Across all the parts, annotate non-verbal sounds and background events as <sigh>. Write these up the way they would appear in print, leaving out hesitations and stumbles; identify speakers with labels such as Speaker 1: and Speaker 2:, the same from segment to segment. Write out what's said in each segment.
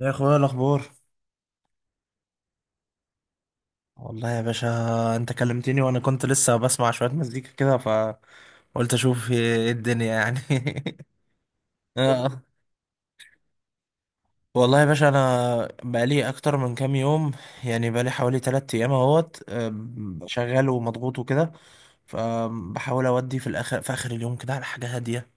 Speaker 1: يا اخويا الاخبار. والله يا باشا، انت كلمتني وانا كنت لسه بسمع شويه مزيكا كده فقلت اشوف ايه الدنيا يعني. <laughs> آه. والله يا باشا، انا بقالي اكتر من كام يوم، يعني بقالي حوالي 3 ايام اهوت آم، شغال ومضغوط وكده. فبحاول اودي في اخر اليوم كده على حاجه هاديه.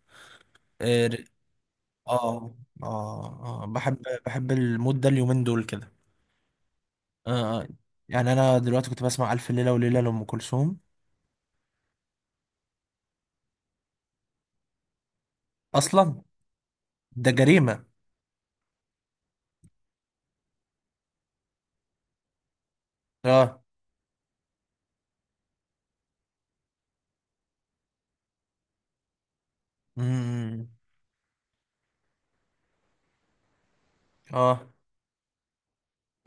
Speaker 1: اه اه آه. بحب المود ده اليومين دول كده. آه. آه، يعني انا دلوقتي كنت بسمع الف ليله وليله لام كلثوم. اصلا ده جريمة. اه امم اه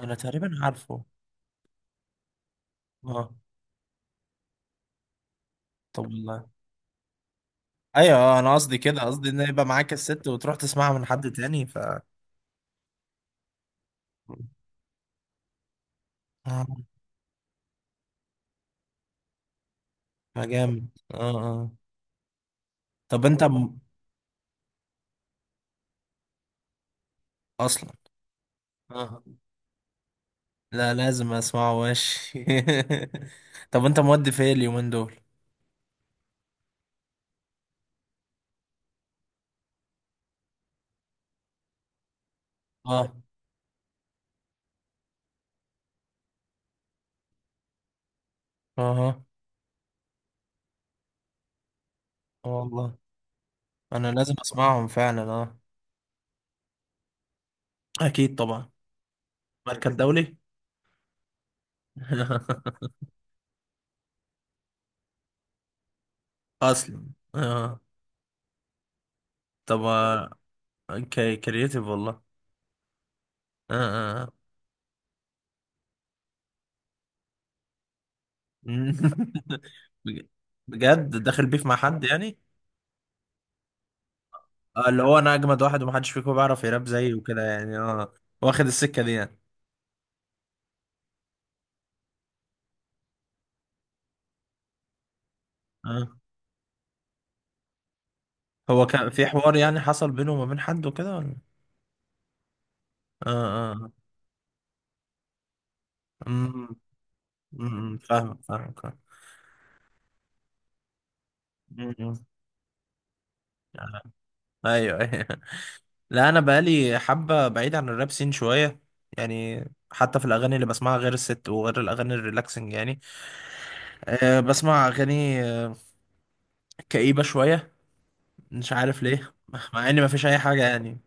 Speaker 1: انا تقريبا عارفه. اه طب والله، ايوه انا قصدي كده، قصدي ان يبقى معاك الست وتروح تسمعها من حد تاني ف. اه فجامد. اه اه طب انت اصلا اه لا لازم اسمعه ماشي. <laughs> طب انت مودي في ايه اليومين دول؟ اه اه اه والله انا لازم اسمعهم فعلا. اه اكيد طبعا. مركز دولي. <laughs> اصلا اه طب اوكي كرييتيف والله. آه، آه، آه. <laughs> بج- بجد داخل بيف مع حد يعني؟ اللي هو انا اجمد واحد ومحدش فيكم بيعرف يراب زيي وكده يعني، اه واخد السكة دي يعني. اه هو كان في حوار يعني حصل بينه وما بين حد وكده ولا؟ اه اه امم فاهم فاهم. ايوه ايوه <laughs> لا، انا بقالي حبة بعيد عن الراب سين شوية يعني. حتى في الاغاني اللي بسمعها غير الست وغير الاغاني الريلاكسنج يعني. أه بسمع اغاني كئيبة شوية، مش عارف ليه، مع ان مفيش اي حاجه يعني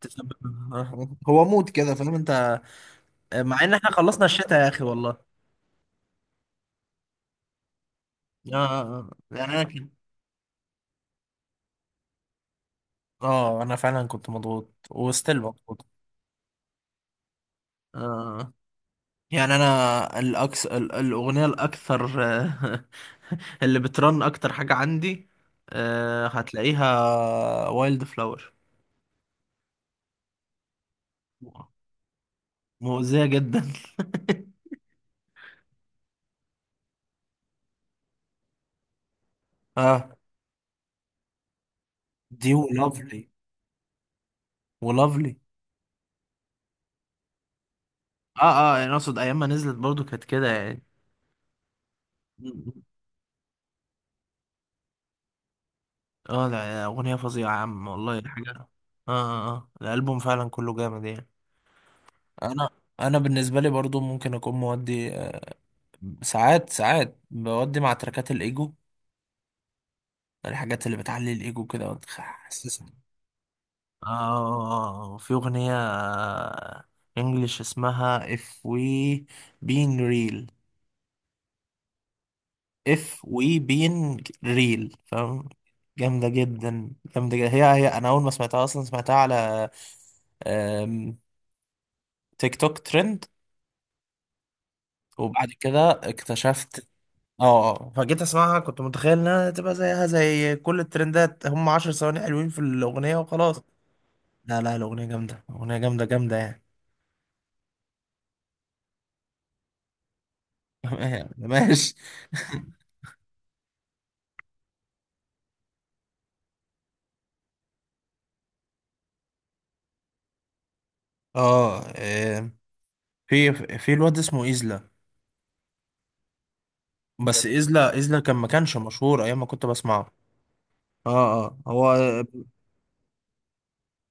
Speaker 1: بتسبب. هو مود كده فاهم انت؟ مع ان احنا خلصنا الشتاء يا اخي والله. اه يعني انا كده. اه انا فعلا كنت مضغوط وستيل مضغوط. آه. يعني انا الاغنيه الاكثر <laughs> اللي بترن اكتر حاجه عندي، هتلاقيها وايلد فلاور. مؤذيه جدا. <laughs> اه دي ولافلي. ولافلي. اه اه يعني اقصد ايام ما نزلت برضو كانت كده يعني. اه لا اغنيه فظيعه يا عم والله حاجه. اه اه اه الالبوم فعلا كله جامد يعني. انا انا بالنسبه لي برضو ممكن اكون مودي ساعات بودي مع تركات الايجو، الحاجات اللي بتعلي الايجو كده وتحسسك. اه في اغنيه انجلش اسمها if we being real. اف وي بين ريل، فاهم؟ جامده جدا، جامده جدا. هي انا اول ما سمعتها اصلا سمعتها على آم، تيك توك ترند، وبعد كده اكتشفت. اه اه فجيت اسمعها كنت متخيل انها تبقى زيها زي كل الترندات، هم عشر ثواني حلوين في الاغنيه وخلاص. لا لا، الاغنيه جامده، اغنيه جامده جامده يعني. <laughs> ماشي. اه في في الواد اسمه ايزلا. بس ايزلا ايزلا كان ما كانش مشهور ايام ما كنت بسمعه. اه اه هو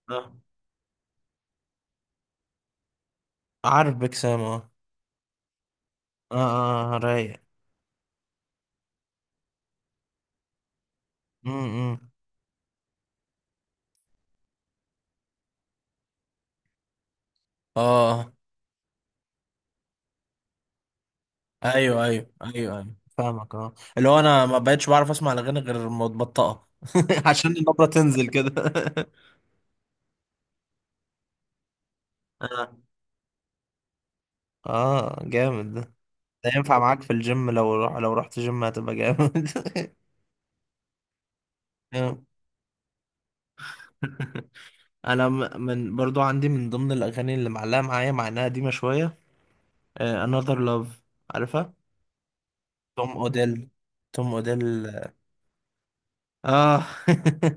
Speaker 1: اه عارف بكسام. اه اه اه رايق. امم اه ايوه ايوه ايوه ايوه فاهمك. اه اللي هو انا ما بقتش بعرف اسمع الاغاني غير متبطئه <laughs> عشان النبرة تنزل كده. <laughs> آه. اه جامد ده. ده ينفع معاك في الجيم، لو روح لو رحت جيم هتبقى جامد. <laughs> آه. انا من برضو عندي من ضمن الاغاني اللي معلقه معايا مع انها قديمه شويه، Another Love، عارفها؟ توم اوديل. توم اوديل. اه <laughs>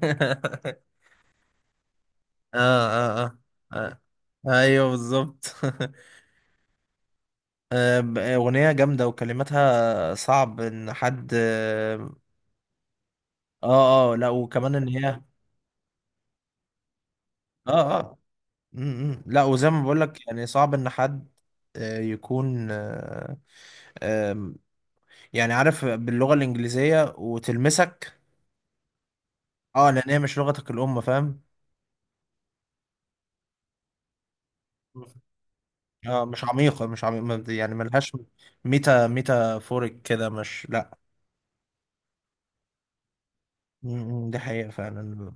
Speaker 1: اه اه اه ايوه بالظبط. <laughs> اغنيه جامده وكلماتها صعب ان حد اه. اه لا وكمان ان هي اه. اه م- م. لا وزي ما بقول لك يعني صعب ان حد يكون آه، آم، يعني عارف باللغه الانجليزيه وتلمسك. اه لان هي مش لغتك الام، فاهم؟ اه مش عميقه، مش عميقه يعني ملهاش ميتا، ميتافوريك كده، مش لا. ده حقيقة فعلا.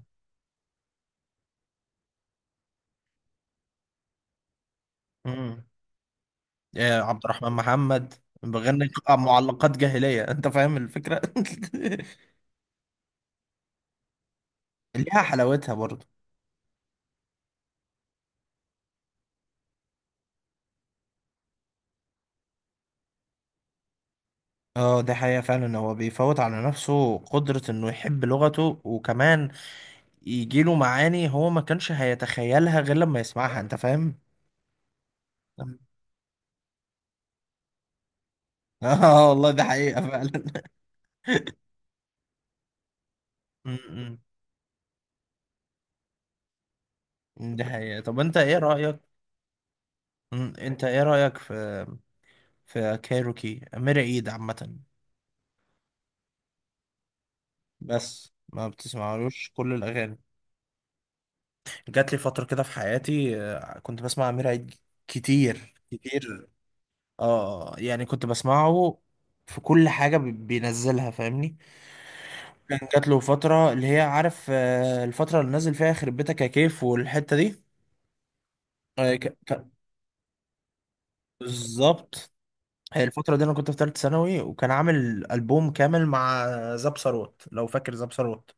Speaker 1: امم يا عبد الرحمن محمد بغني معلقات جاهلية. <laughs> انت فاهم الفكرة؟ <laughs> ليها حلاوتها برضه. اه ده حقيقة فعلا، هو بيفوت على نفسه قدرة انه يحب لغته وكمان يجيله معاني هو ما كانش هيتخيلها غير لما يسمعها، انت فاهم؟ <laughs> اه والله ده حقيقة فعلا. <laughs> امم ده حقيقة. طب انت ايه رأيك، انت ايه رأيك في كايروكي أمير عيد عامة؟ بس ما بتسمعلوش كل الاغاني. جات لي فتره كده في حياتي كنت بسمع امير عيد كتير كتير. اه يعني كنت بسمعه في كل حاجه بينزلها فاهمني. كان جات له فتره اللي هي، عارف الفتره اللي نزل فيها خرب بيتك يا كيف والحته دي. آه، ك- ك- بالظبط. هي الفتره دي انا كنت في ثالثه ثانوي، وكان عامل البوم كامل مع زاب ثروت، لو فاكر زاب ثروت.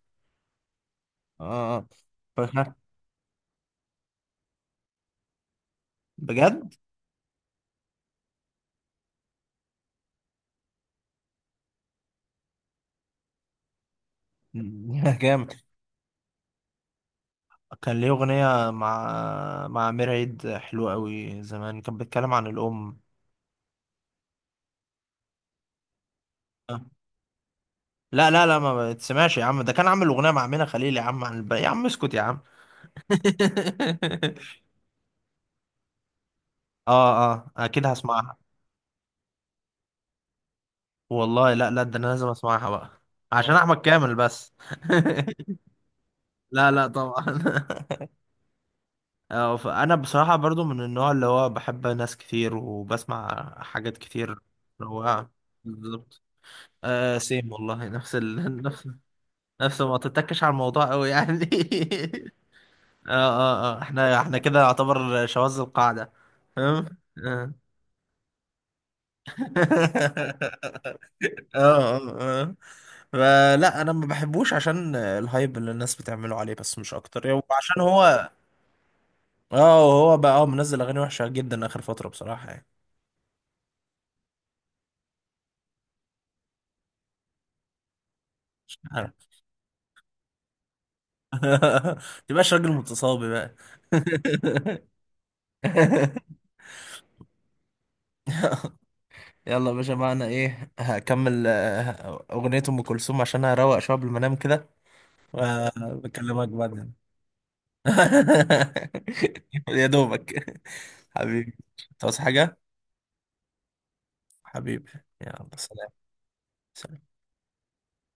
Speaker 1: اه آه. فاكر؟ بجد. <laughs> جامد. كان ليه أغنية مع أمير عيد حلوة أوي زمان، كان بيتكلم عن الأم. أه. لا لا لا، ما بتسمعش يا عم، ده كان عامل أغنية مع أمينة خليل يا عم عن يا عم اسكت يا عم. <laughs> اه اه أكيد هسمعها. والله لا لا، ده أنا لازم أسمعها بقى عشان أحمد كامل بس. <laughs> لا لا طبعا. <laughs> اه فأنا بصراحة برضو من النوع اللي هو بحب ناس كتير وبسمع حاجات كتير. روعة. بالظبط. آه سيم والله، نفس ال... <laughs> نفس نفسه، ما تتكش على الموضوع قوي يعني. <laughs> اه اه اه، احنا كده يعتبر شواذ القاعدة، فاهم؟ اه <laughs> اه اه آه. فلا، انا ما بحبوش عشان الهايب اللي الناس بتعمله عليه بس، مش اكتر. وعشان هو اه هو بقى اه منزل اغاني وحشة جدا اخر فترة بصراحة يعني. عارف. <laughs> متبقاش راجل متصابي بقى. <laughs> يلا يا باشا، معنا ايه، هكمل اغنية ام كلثوم عشان اروق شوية قبل ما انام كده. بكلمك بعدين. <laughs> يا دوبك. حبيبي. تعوز حاجة؟ حبيبي، يلا سلام. سلام.